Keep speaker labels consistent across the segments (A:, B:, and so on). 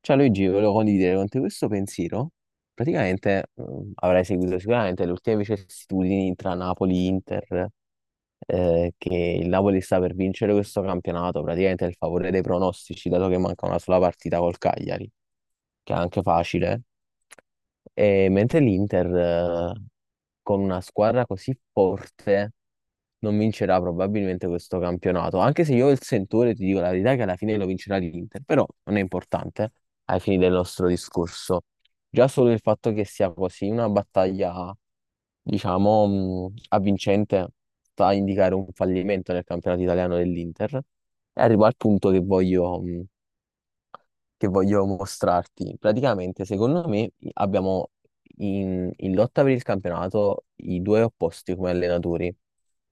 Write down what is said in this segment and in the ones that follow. A: Ciao Luigi, volevo condividere con te questo pensiero. Praticamente avrai seguito sicuramente le ultime vicissitudini tra Napoli e Inter, che il Napoli sta per vincere questo campionato, praticamente è il favore dei pronostici, dato che manca una sola partita col Cagliari, che è anche facile. E mentre l'Inter, con una squadra così forte non vincerà probabilmente questo campionato. Anche se io il sentore ti dico la verità che alla fine lo vincerà l'Inter, però non è importante ai fini del nostro discorso. Già solo il fatto che sia così una battaglia, diciamo, avvincente sta a indicare un fallimento nel campionato italiano dell'Inter. E arrivo al punto che voglio mostrarti. Praticamente, secondo me, abbiamo in lotta per il campionato i due opposti come allenatori.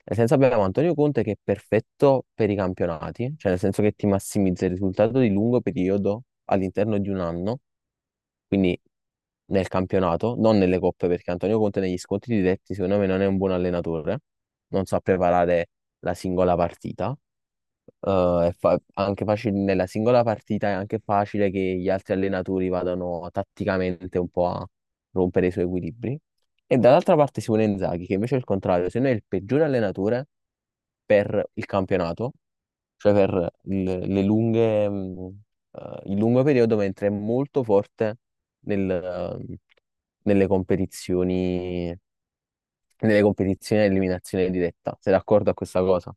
A: Nel senso abbiamo Antonio Conte che è perfetto per i campionati, cioè nel senso che ti massimizza il risultato di lungo periodo all'interno di un anno, quindi nel campionato, non nelle coppe, perché Antonio Conte negli scontri diretti secondo me non è un buon allenatore, non sa preparare la singola partita. Anche facile, nella singola partita è anche facile che gli altri allenatori vadano tatticamente un po' a rompere i suoi equilibri. E dall'altra parte Simone Inzaghi, che invece è il contrario, se no è il peggiore allenatore per il campionato, cioè le lunghe, il lungo periodo, mentre è molto forte nel, ehm, nelle competizioni, nelle competizioni a eliminazione diretta. Sei d'accordo a questa cosa?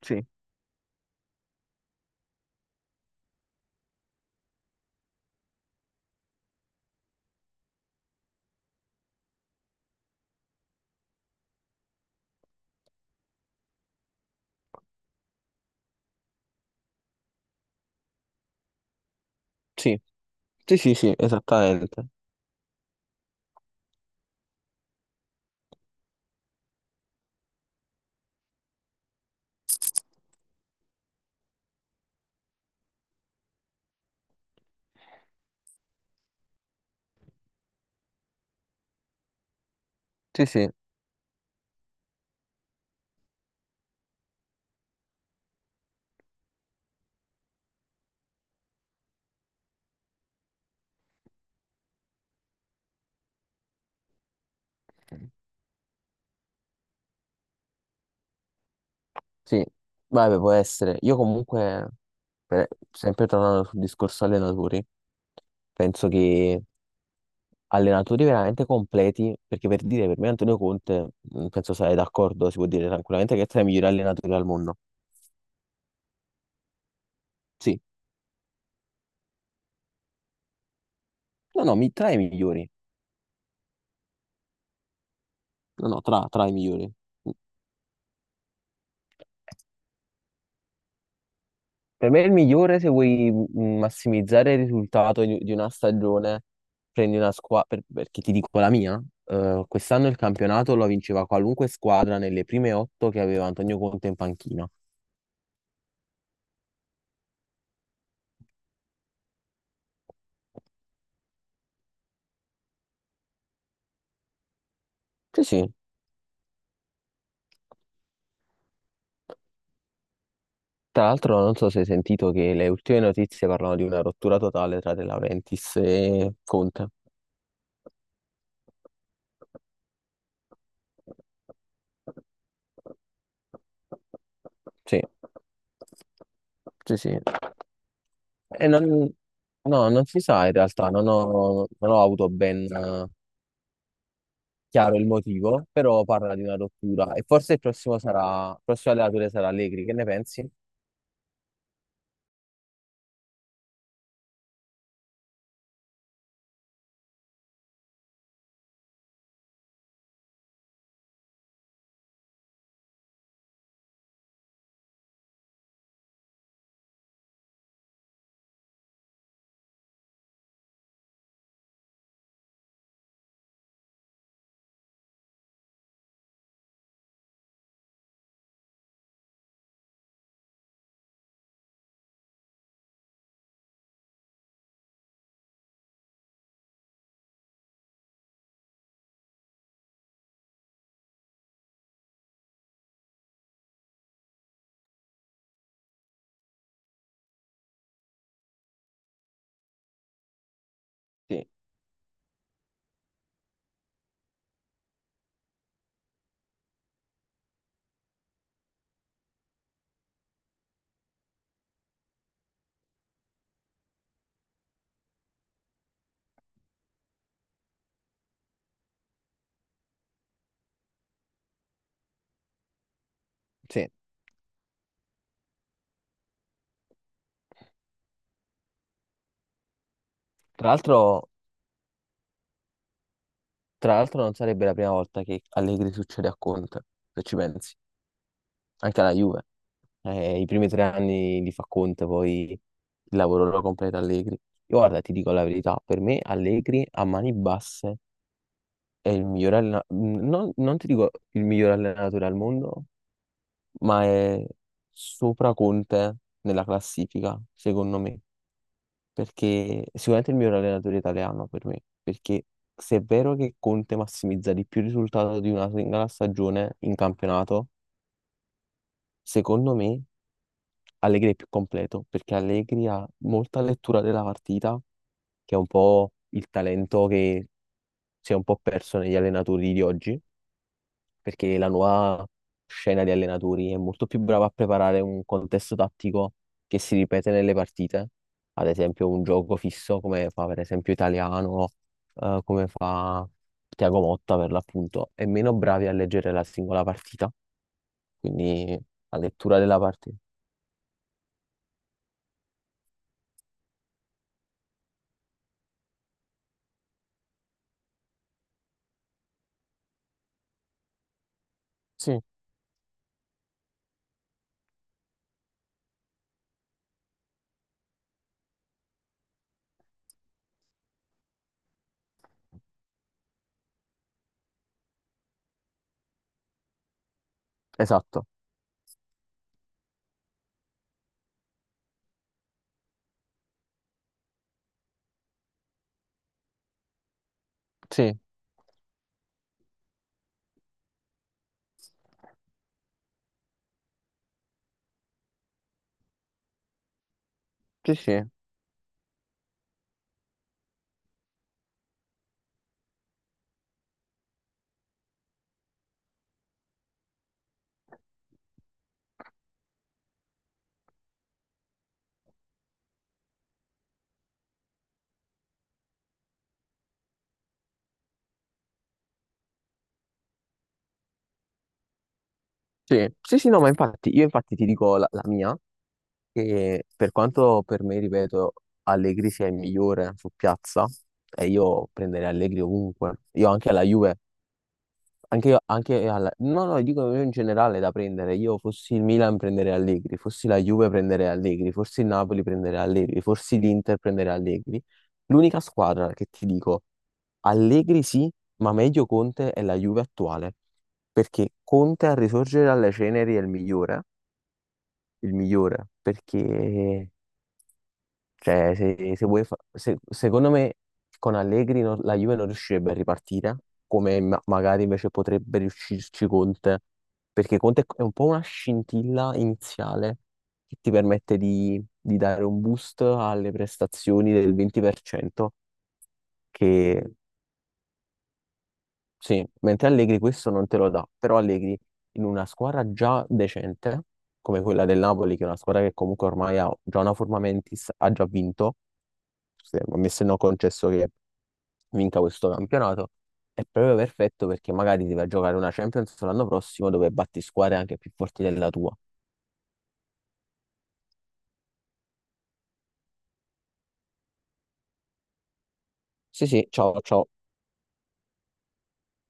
A: Sì, sì, sì, sì, sì, esattamente. Sì, sì, sì, vabbè, può essere. Io comunque, sempre tornando sul discorso allenatori, penso che allenatori veramente completi, perché per dire, per me Antonio Conte, penso sarai d'accordo, si può dire tranquillamente che è tra i migliori allenatori al mondo. Sì, no, no, tra i migliori, no, no, tra i migliori. Mm. Per me è il migliore se vuoi massimizzare il risultato di una stagione, prendi una squadra, perché ti dico la mia, quest'anno il campionato lo vinceva qualunque squadra nelle prime otto che aveva Antonio Conte in panchina. Sì, sì, tra l'altro non so se hai sentito che le ultime notizie parlano di una rottura totale tra De Laurentiis e Conte. Sì, sì, sì. E non, No, non si sa in realtà, non ho avuto ben chiaro il motivo, però parla di una rottura e forse il prossimo allenatore sarà Allegri, che ne pensi? Sì, sì. Tra l'altro, tra l'altro non sarebbe la prima volta che Allegri succede a Conte, se ci pensi, anche alla Juve. I primi 3 anni li fa Conte, poi il lavoro lo completa Allegri. Io guarda, ti dico la verità, per me Allegri a mani basse è il miglior allenatore, non ti dico il miglior allenatore al mondo, ma è sopra Conte nella classifica, secondo me, perché sicuramente è il miglior allenatore italiano per me, perché se è vero che Conte massimizza di più il risultato di una singola stagione in campionato, secondo me Allegri è più completo perché Allegri ha molta lettura della partita, che è un po' il talento che si è un po' perso negli allenatori di oggi, perché la nuova scena di allenatori è molto più brava a preparare un contesto tattico che si ripete nelle partite, ad esempio un gioco fisso come fa per esempio Italiano, come fa Tiago Motta per l'appunto, e meno bravi a leggere la singola partita, quindi la lettura della partita. Sì, esatto. Sì, sì, sì, sì, sì, sì, no, ma infatti, io infatti ti dico la mia, che per quanto per me, ripeto, Allegri sia il migliore su piazza, e io prenderei Allegri ovunque, io anche alla Juve. No, no, dico io in generale da prendere. Io fossi il Milan prenderei Allegri, fossi la Juve prenderei Allegri, fossi il Napoli prenderei Allegri, fossi l'Inter prenderei Allegri. L'unica squadra che ti dico Allegri sì, ma meglio Conte è la Juve attuale, perché Conte a risorgere dalle ceneri è il migliore, perché cioè, se vuoi secondo me con Allegri la Juve non riuscirebbe a ripartire, come magari invece potrebbe riuscirci Conte, perché Conte è un po' una scintilla iniziale che ti permette di dare un boost alle prestazioni del 20%, che sì, mentre Allegri questo non te lo dà, però Allegri in una squadra già decente, come quella del Napoli, che è una squadra che comunque ormai ha già una forma mentis, ha già vinto a me se no concesso che vinca questo campionato, è proprio perfetto perché magari ti vai a giocare una Champions l'anno prossimo dove batti squadre anche più forti della tua. Sì, sì, ciao, ciao.